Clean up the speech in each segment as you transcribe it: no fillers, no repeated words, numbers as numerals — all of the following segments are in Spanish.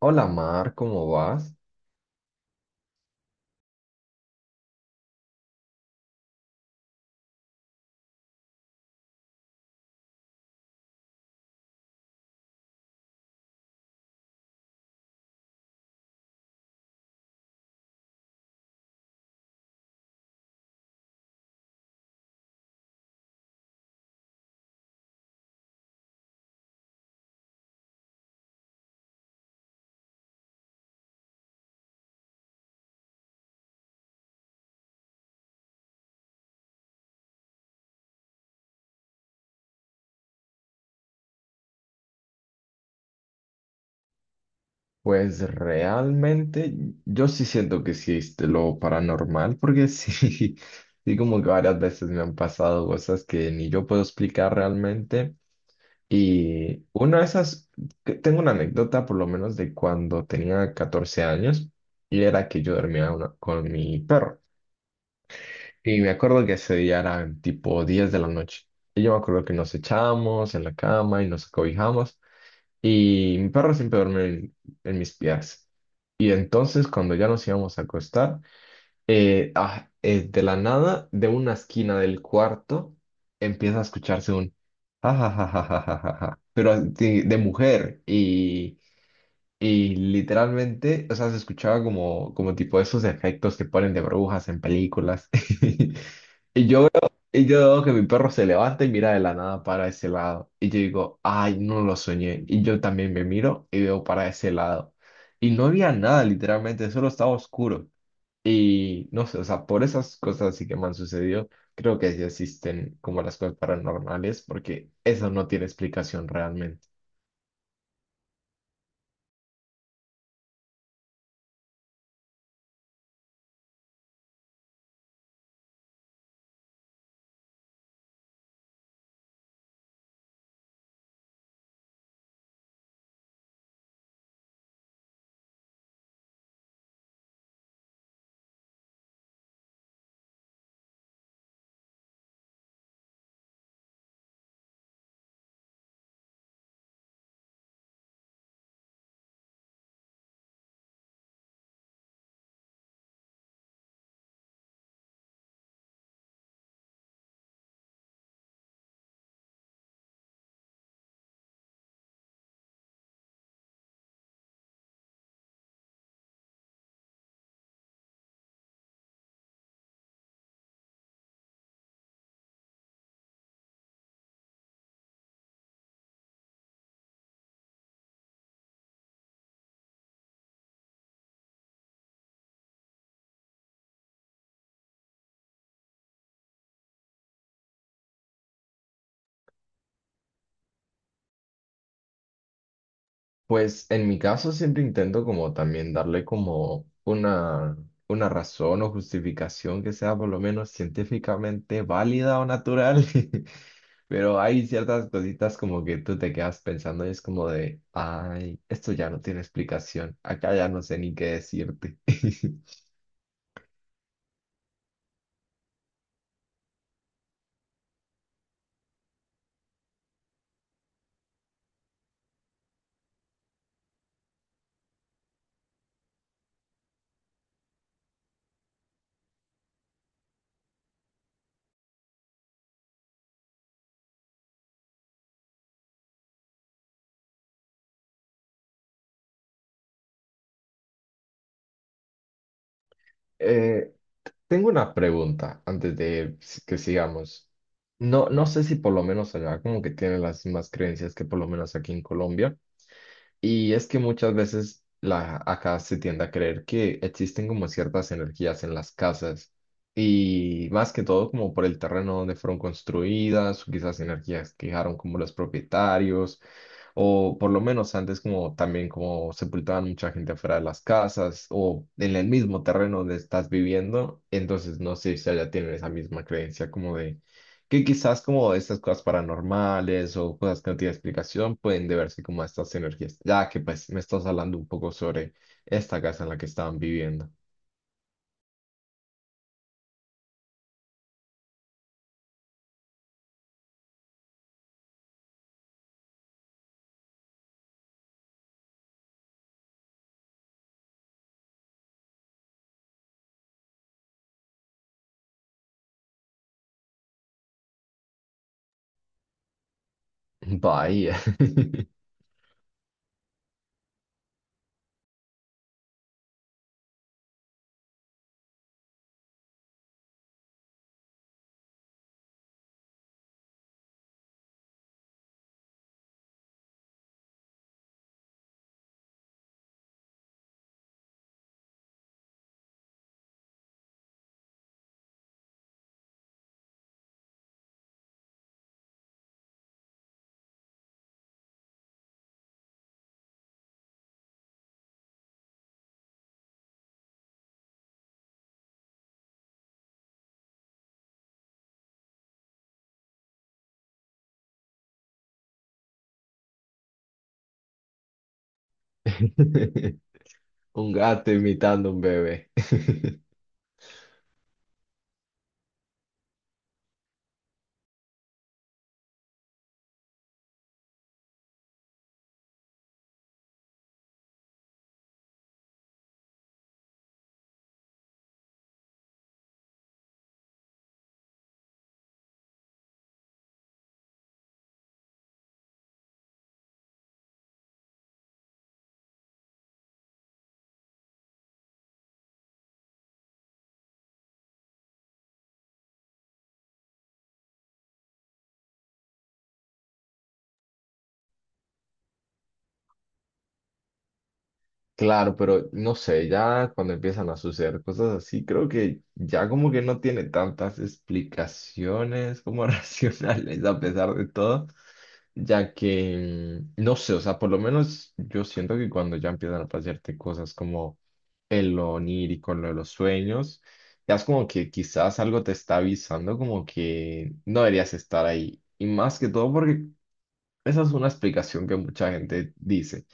Hola Mar, ¿cómo vas? Pues realmente yo sí siento que existe lo paranormal, porque sí, sí como que varias veces me han pasado cosas que ni yo puedo explicar realmente. Y una de esas, que tengo una anécdota por lo menos de cuando tenía 14 años y era que yo dormía con mi perro. Y me acuerdo que ese día eran tipo 10 de la noche. Y yo me acuerdo que nos echamos en la cama y nos acobijamos. Y mi perro siempre duerme en mis piernas. Y entonces cuando ya nos íbamos a acostar, de la nada, de una esquina del cuarto, empieza a escucharse un ja, ja, ja, ja, ja, ja, ja, ja", pero así de, mujer. Y literalmente, o sea, se escuchaba como tipo esos efectos que ponen de burbujas en películas. Y yo veo que mi perro se levanta y mira de la nada para ese lado. Y yo digo, ay, no lo soñé. Y yo también me miro y veo para ese lado. Y no había nada, literalmente, solo estaba oscuro. Y no sé, o sea, por esas cosas así que me han sucedido, creo que sí existen como las cosas paranormales, porque eso no tiene explicación realmente. Pues en mi caso siempre intento como también darle como una razón o justificación que sea por lo menos científicamente válida o natural, pero hay ciertas cositas como que tú te quedas pensando y es como de, ay, esto ya no tiene explicación, acá ya no sé ni qué decirte. Eh, tengo una pregunta antes de que sigamos. No, no sé si por lo menos allá como que tienen las mismas creencias que por lo menos aquí en Colombia. Y es que muchas veces acá se tiende a creer que existen como ciertas energías en las casas y más que todo como por el terreno donde fueron construidas, o quizás energías que dejaron como los propietarios o por lo menos antes como también como sepultaban mucha gente afuera de las casas o en el mismo terreno donde estás viviendo. Entonces no sé si allá tienen esa misma creencia como de que quizás como estas cosas paranormales o cosas que no tienen explicación pueden deberse como a estas energías, ya que pues me estás hablando un poco sobre esta casa en la que estaban viviendo. Bahía. Un gato imitando un bebé. Claro, pero no sé, ya cuando empiezan a suceder cosas así, creo que ya como que no tiene tantas explicaciones como racionales a pesar de todo, ya que, no sé, o sea, por lo menos yo siento que cuando ya empiezan a pasarte cosas como el lo onírico, lo de los sueños, ya es como que quizás algo te está avisando como que no deberías estar ahí. Y más que todo porque esa es una explicación que mucha gente dice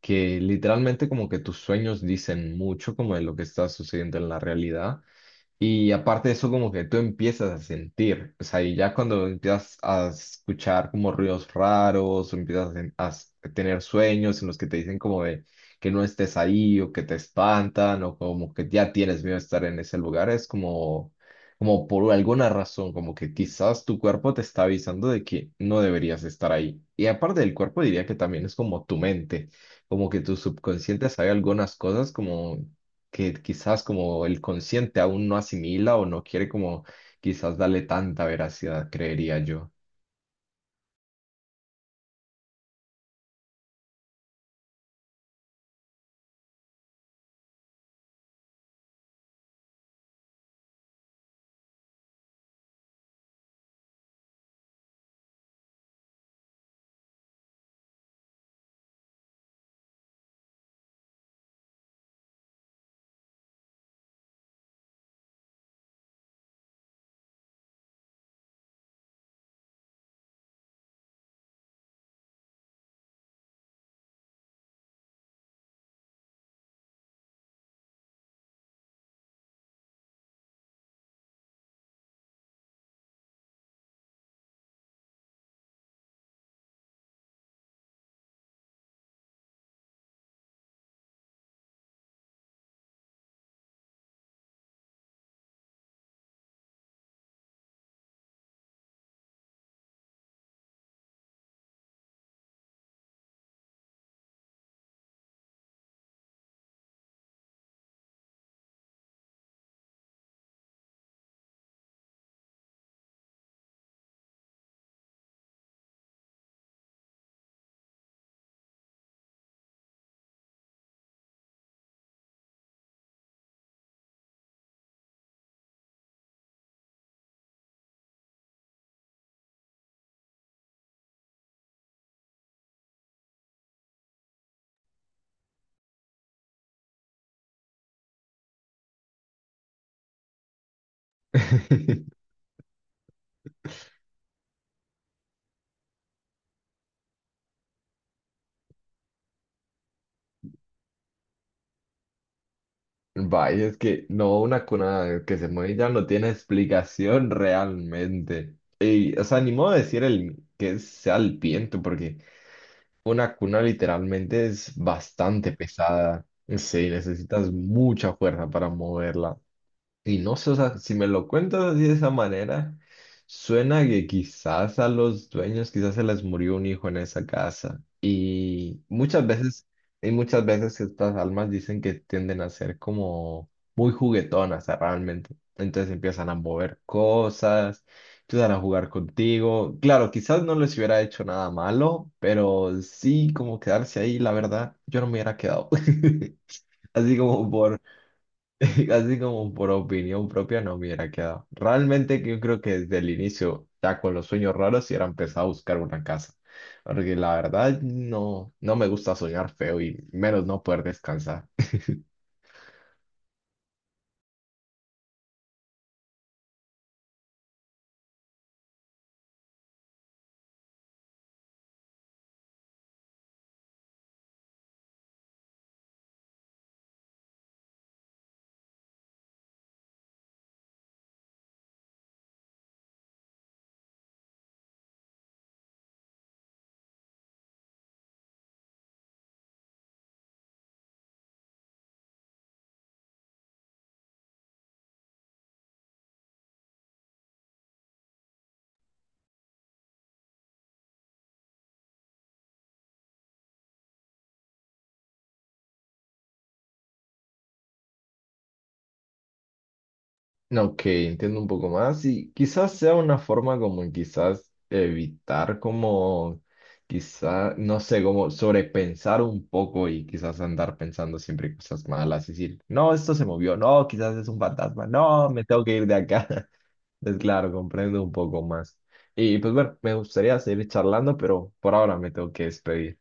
que literalmente como que tus sueños dicen mucho como de lo que está sucediendo en la realidad. Y aparte de eso, como que tú empiezas a sentir, o sea, y ya cuando empiezas a escuchar como ruidos raros, o empiezas a, tener sueños en los que te dicen como de que no estés ahí, o que te espantan, o como que ya tienes miedo de estar en ese lugar, es como, como por alguna razón, como que quizás tu cuerpo te está avisando de que no deberías estar ahí. Y aparte del cuerpo, diría que también es como tu mente, como que tu subconsciente sabe algunas cosas como que quizás como el consciente aún no asimila o no quiere como quizás darle tanta veracidad, creería yo. Vaya, es que no, una cuna que se mueve ya no tiene explicación realmente. Y, o sea, ni modo de decir el, que sea el viento, porque una cuna literalmente es bastante pesada. Sí, necesitas mucha fuerza para moverla. Y no sé, o sea, si me lo cuentas así de esa manera, suena que quizás a los dueños, quizás se les murió un hijo en esa casa. Y muchas veces, estas almas dicen que tienden a ser como muy juguetonas, ah, realmente. Entonces empiezan a mover cosas, empiezan a jugar contigo. Claro, quizás no les hubiera hecho nada malo, pero sí como quedarse ahí, la verdad, yo no me hubiera quedado. Así como por Así como por opinión propia no me hubiera quedado. Realmente que yo creo que desde el inicio, ya con los sueños raros, hubiera empezado a buscar una casa, porque la verdad no, no me gusta soñar feo y menos no poder descansar. Ok, entiendo un poco más y quizás sea una forma como en quizás evitar como quizás, no sé, como sobrepensar un poco y quizás andar pensando siempre cosas malas y decir, no, esto se movió, no, quizás es un fantasma, no, me tengo que ir de acá. Es claro, comprendo un poco más. Y pues bueno, me gustaría seguir charlando, pero por ahora me tengo que despedir.